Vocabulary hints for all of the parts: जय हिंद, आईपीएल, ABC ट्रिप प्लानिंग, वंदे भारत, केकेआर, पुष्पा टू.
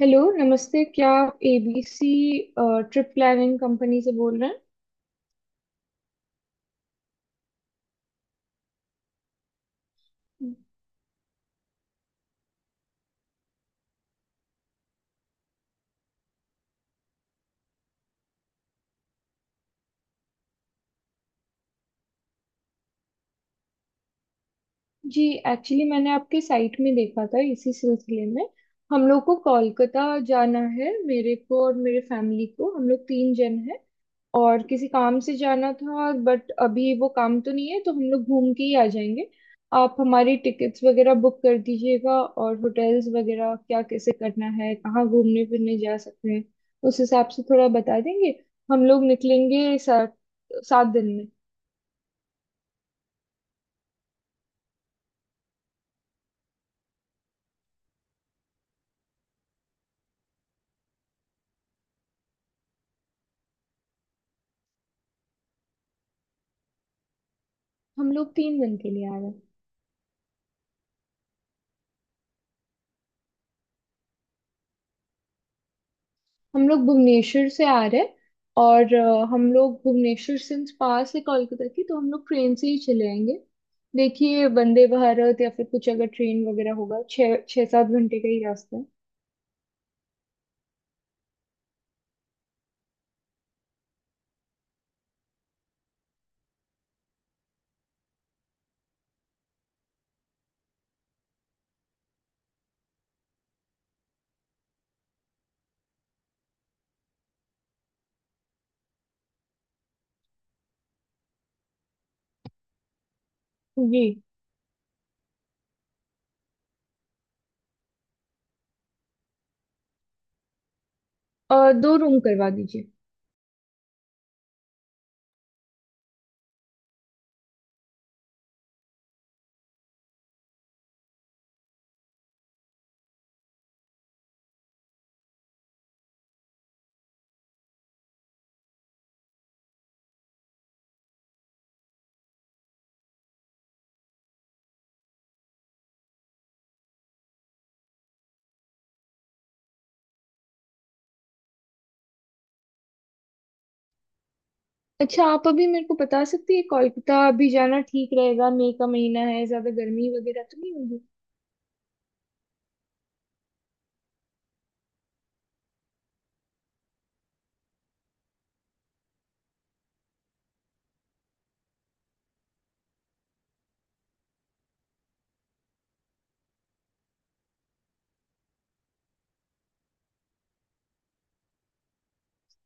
Hello, नमस्ते। क्या आप एबीसी ट्रिप प्लानिंग कंपनी से बोल रहे हैं? जी, एक्चुअली मैंने आपके साइट में देखा था। इसी सिलसिले में हम लोग को कोलकाता जाना है। मेरे को और मेरे फैमिली को, हम लोग तीन जन हैं। और किसी काम से जाना था, बट अभी वो काम तो नहीं है, तो हम लोग घूम के ही आ जाएंगे। आप हमारी टिकट्स वगैरह बुक कर दीजिएगा, और होटल्स वगैरह क्या कैसे करना है, कहाँ घूमने फिरने जा सकते हैं उस हिसाब से थोड़ा बता देंगे। हम लोग निकलेंगे सात सात दिन में। हम लोग 3 दिन के लिए आ रहे हैं। हम लोग भुवनेश्वर से आ रहे हैं। और हम लोग भुवनेश्वर सिंस पास है कोलकाता की, तो हम लोग ट्रेन से ही चले आएंगे। देखिए, वंदे भारत या फिर कुछ अगर ट्रेन वगैरह होगा, 6-7 घंटे का ही रास्ता है। जी, और दो रूम करवा दीजिए। अच्छा, आप अभी मेरे को बता सकती है कोलकाता अभी जाना ठीक रहेगा? मई का महीना है, ज्यादा गर्मी वगैरह तो नहीं होगी?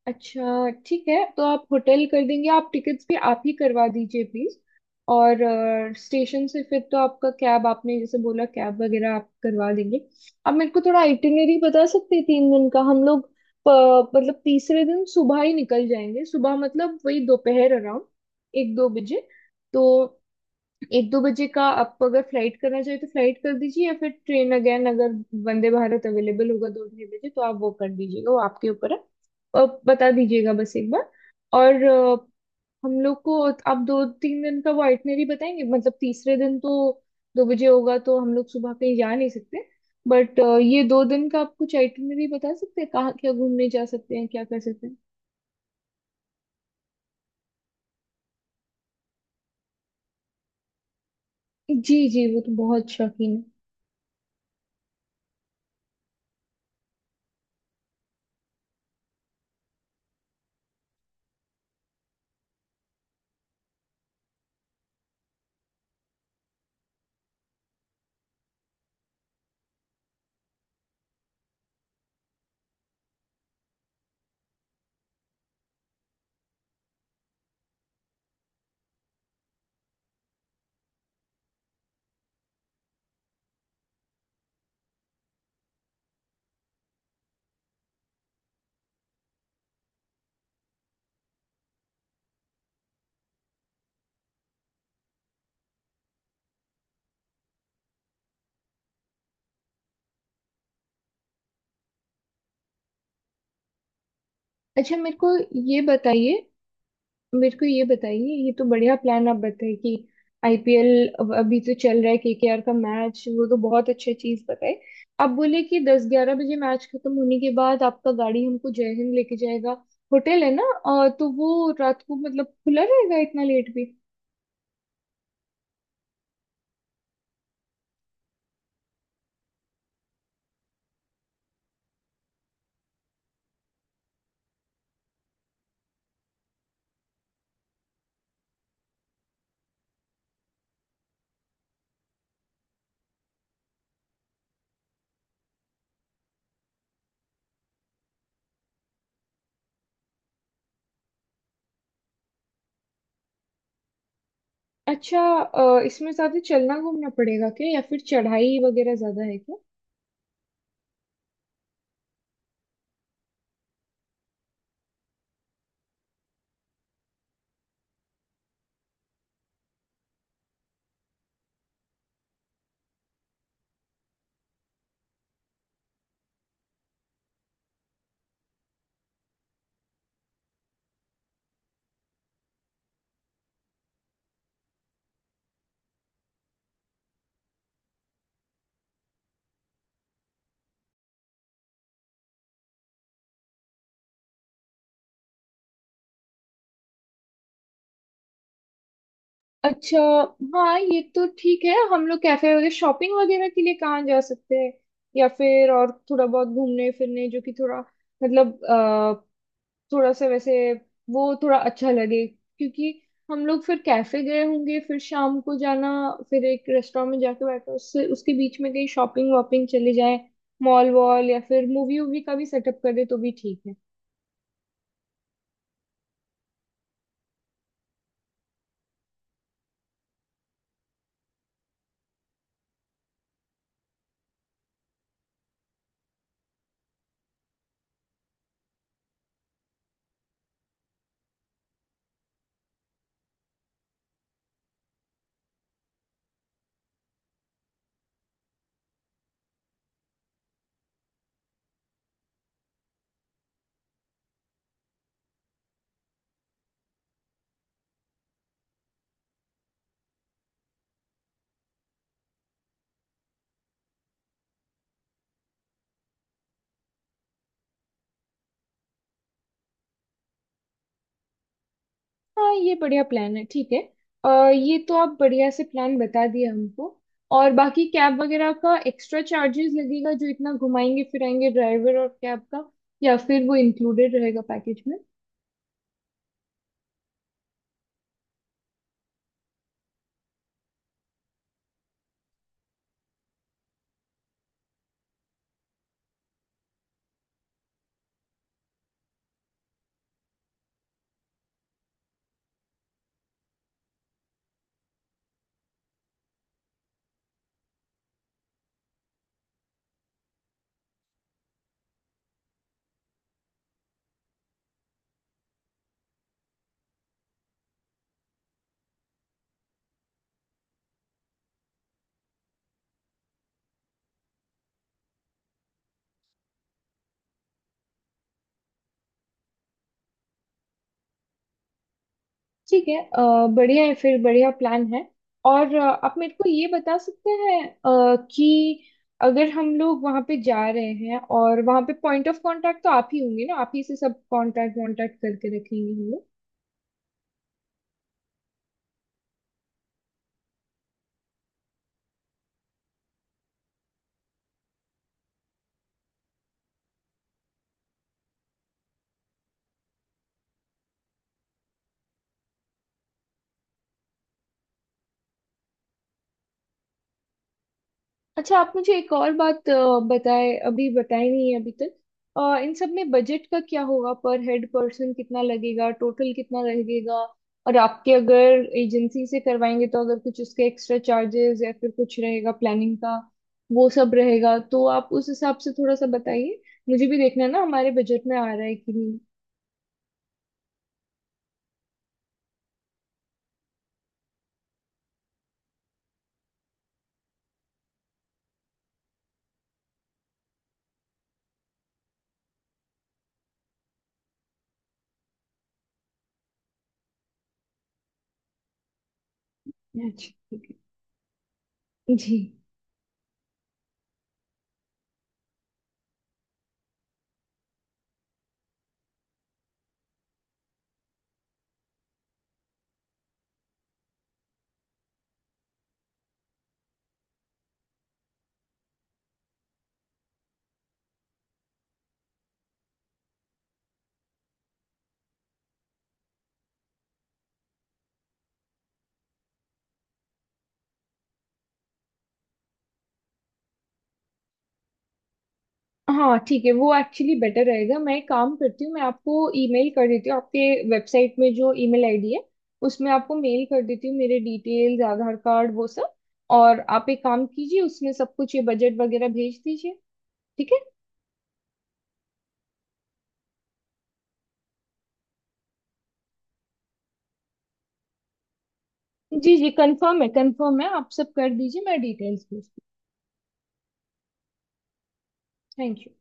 अच्छा ठीक है, तो आप होटल कर देंगे, आप टिकट्स भी आप ही करवा दीजिए प्लीज। और स्टेशन से फिर तो आपका कैब, आपने जैसे बोला, कैब वगैरह आप करवा देंगे। आप मेरे को थोड़ा आइटिनरी बता सकते हैं 3 दिन का? हम लोग मतलब तीसरे दिन सुबह ही निकल जाएंगे। सुबह मतलब वही दोपहर अराउंड 1-2 बजे। तो 1-2 बजे का आपको अगर फ्लाइट करना चाहिए तो फ्लाइट कर दीजिए, या फिर ट्रेन अगेन, अगर वंदे भारत अवेलेबल होगा 2-2:30 बजे तो आप वो कर दीजिएगा। वो आपके ऊपर है, और बता दीजिएगा बस एक बार। और हम लोग को आप 2-3 दिन का वो आइटनरी बताएंगे। मतलब तीसरे दिन तो 2 बजे होगा तो हम लोग सुबह कहीं जा नहीं सकते, बट ये 2 दिन का आप कुछ आइटनरी बता सकते हैं कहाँ क्या घूमने जा सकते हैं, क्या कर सकते हैं। जी जी, वो तो बहुत शौकीन है। अच्छा, ये बताइए मेरे को ये बताइए, ये तो बढ़िया प्लान। आप बताइए कि आईपीएल अभी तो चल रहा है, केकेआर का मैच, वो तो बहुत अच्छी चीज बताए। आप बोले कि 10-11 बजे मैच खत्म होने के बाद आपका गाड़ी हमको जय हिंद लेके जाएगा, होटल है ना? तो वो रात को मतलब खुला रहेगा इतना लेट भी? अच्छा, इसमें साथ ही चलना घूमना पड़ेगा क्या? या फिर चढ़ाई वगैरह ज्यादा है? अच्छा। हाँ, ये तो ठीक है। हम लोग कैफे वगैरह, शॉपिंग वगैरह के लिए कहाँ जा सकते हैं? या फिर और थोड़ा बहुत घूमने फिरने जो कि थोड़ा मतलब थोड़ा सा वैसे वो थोड़ा अच्छा लगे। क्योंकि हम लोग फिर कैफे गए होंगे, फिर शाम को जाना, फिर एक रेस्टोरेंट में जाके बैठो, उससे उसके बीच में कहीं शॉपिंग वॉपिंग चले जाए, मॉल वॉल, या फिर मूवी वूवी का भी सेटअप कर दे तो भी ठीक है। हाँ, ये बढ़िया प्लान है, ठीक है। अ, ये तो आप बढ़िया से प्लान बता दिए हमको। और बाकी कैब वगैरह का एक्स्ट्रा चार्जेस लगेगा जो इतना घुमाएंगे फिराएंगे, ड्राइवर और कैब का? या फिर वो इंक्लूडेड रहेगा पैकेज में? ठीक है, बढ़िया है, फिर बढ़िया प्लान है। और आप मेरे को ये बता सकते हैं कि अगर हम लोग वहाँ पे जा रहे हैं, और वहाँ पे पॉइंट ऑफ कांटेक्ट तो आप ही होंगे ना, आप ही से सब कांटेक्ट वांटेक्ट करके रखेंगे हम लोग? अच्छा, आप मुझे एक और बात बताए, अभी बताई नहीं है अभी तक। इन सब में बजट का क्या होगा? पर हेड पर्सन कितना लगेगा, टोटल कितना लगेगा? और आपके अगर एजेंसी से करवाएंगे तो अगर कुछ उसके एक्स्ट्रा चार्जेस या फिर कुछ रहेगा प्लानिंग का, वो सब रहेगा तो आप उस हिसाब से थोड़ा सा बताइए। मुझे भी देखना है ना हमारे बजट में आ रहा है कि नहीं। अच्छा, ठीक है जी। हाँ ठीक है, वो एक्चुअली बेटर रहेगा। मैं एक काम करती हूँ, मैं आपको ईमेल कर देती हूँ। आपके वेबसाइट में जो ईमेल आईडी है उसमें आपको मेल कर देती हूँ, मेरे डिटेल्स, आधार कार्ड, वो सब। और आप एक काम कीजिए, उसमें सब कुछ ये बजट वगैरह भेज दीजिए। ठीक है। जी जी, कंफर्म है, कंफर्म है, आप सब कर दीजिए, मैं डिटेल्स भेजती हूँ। Thank you.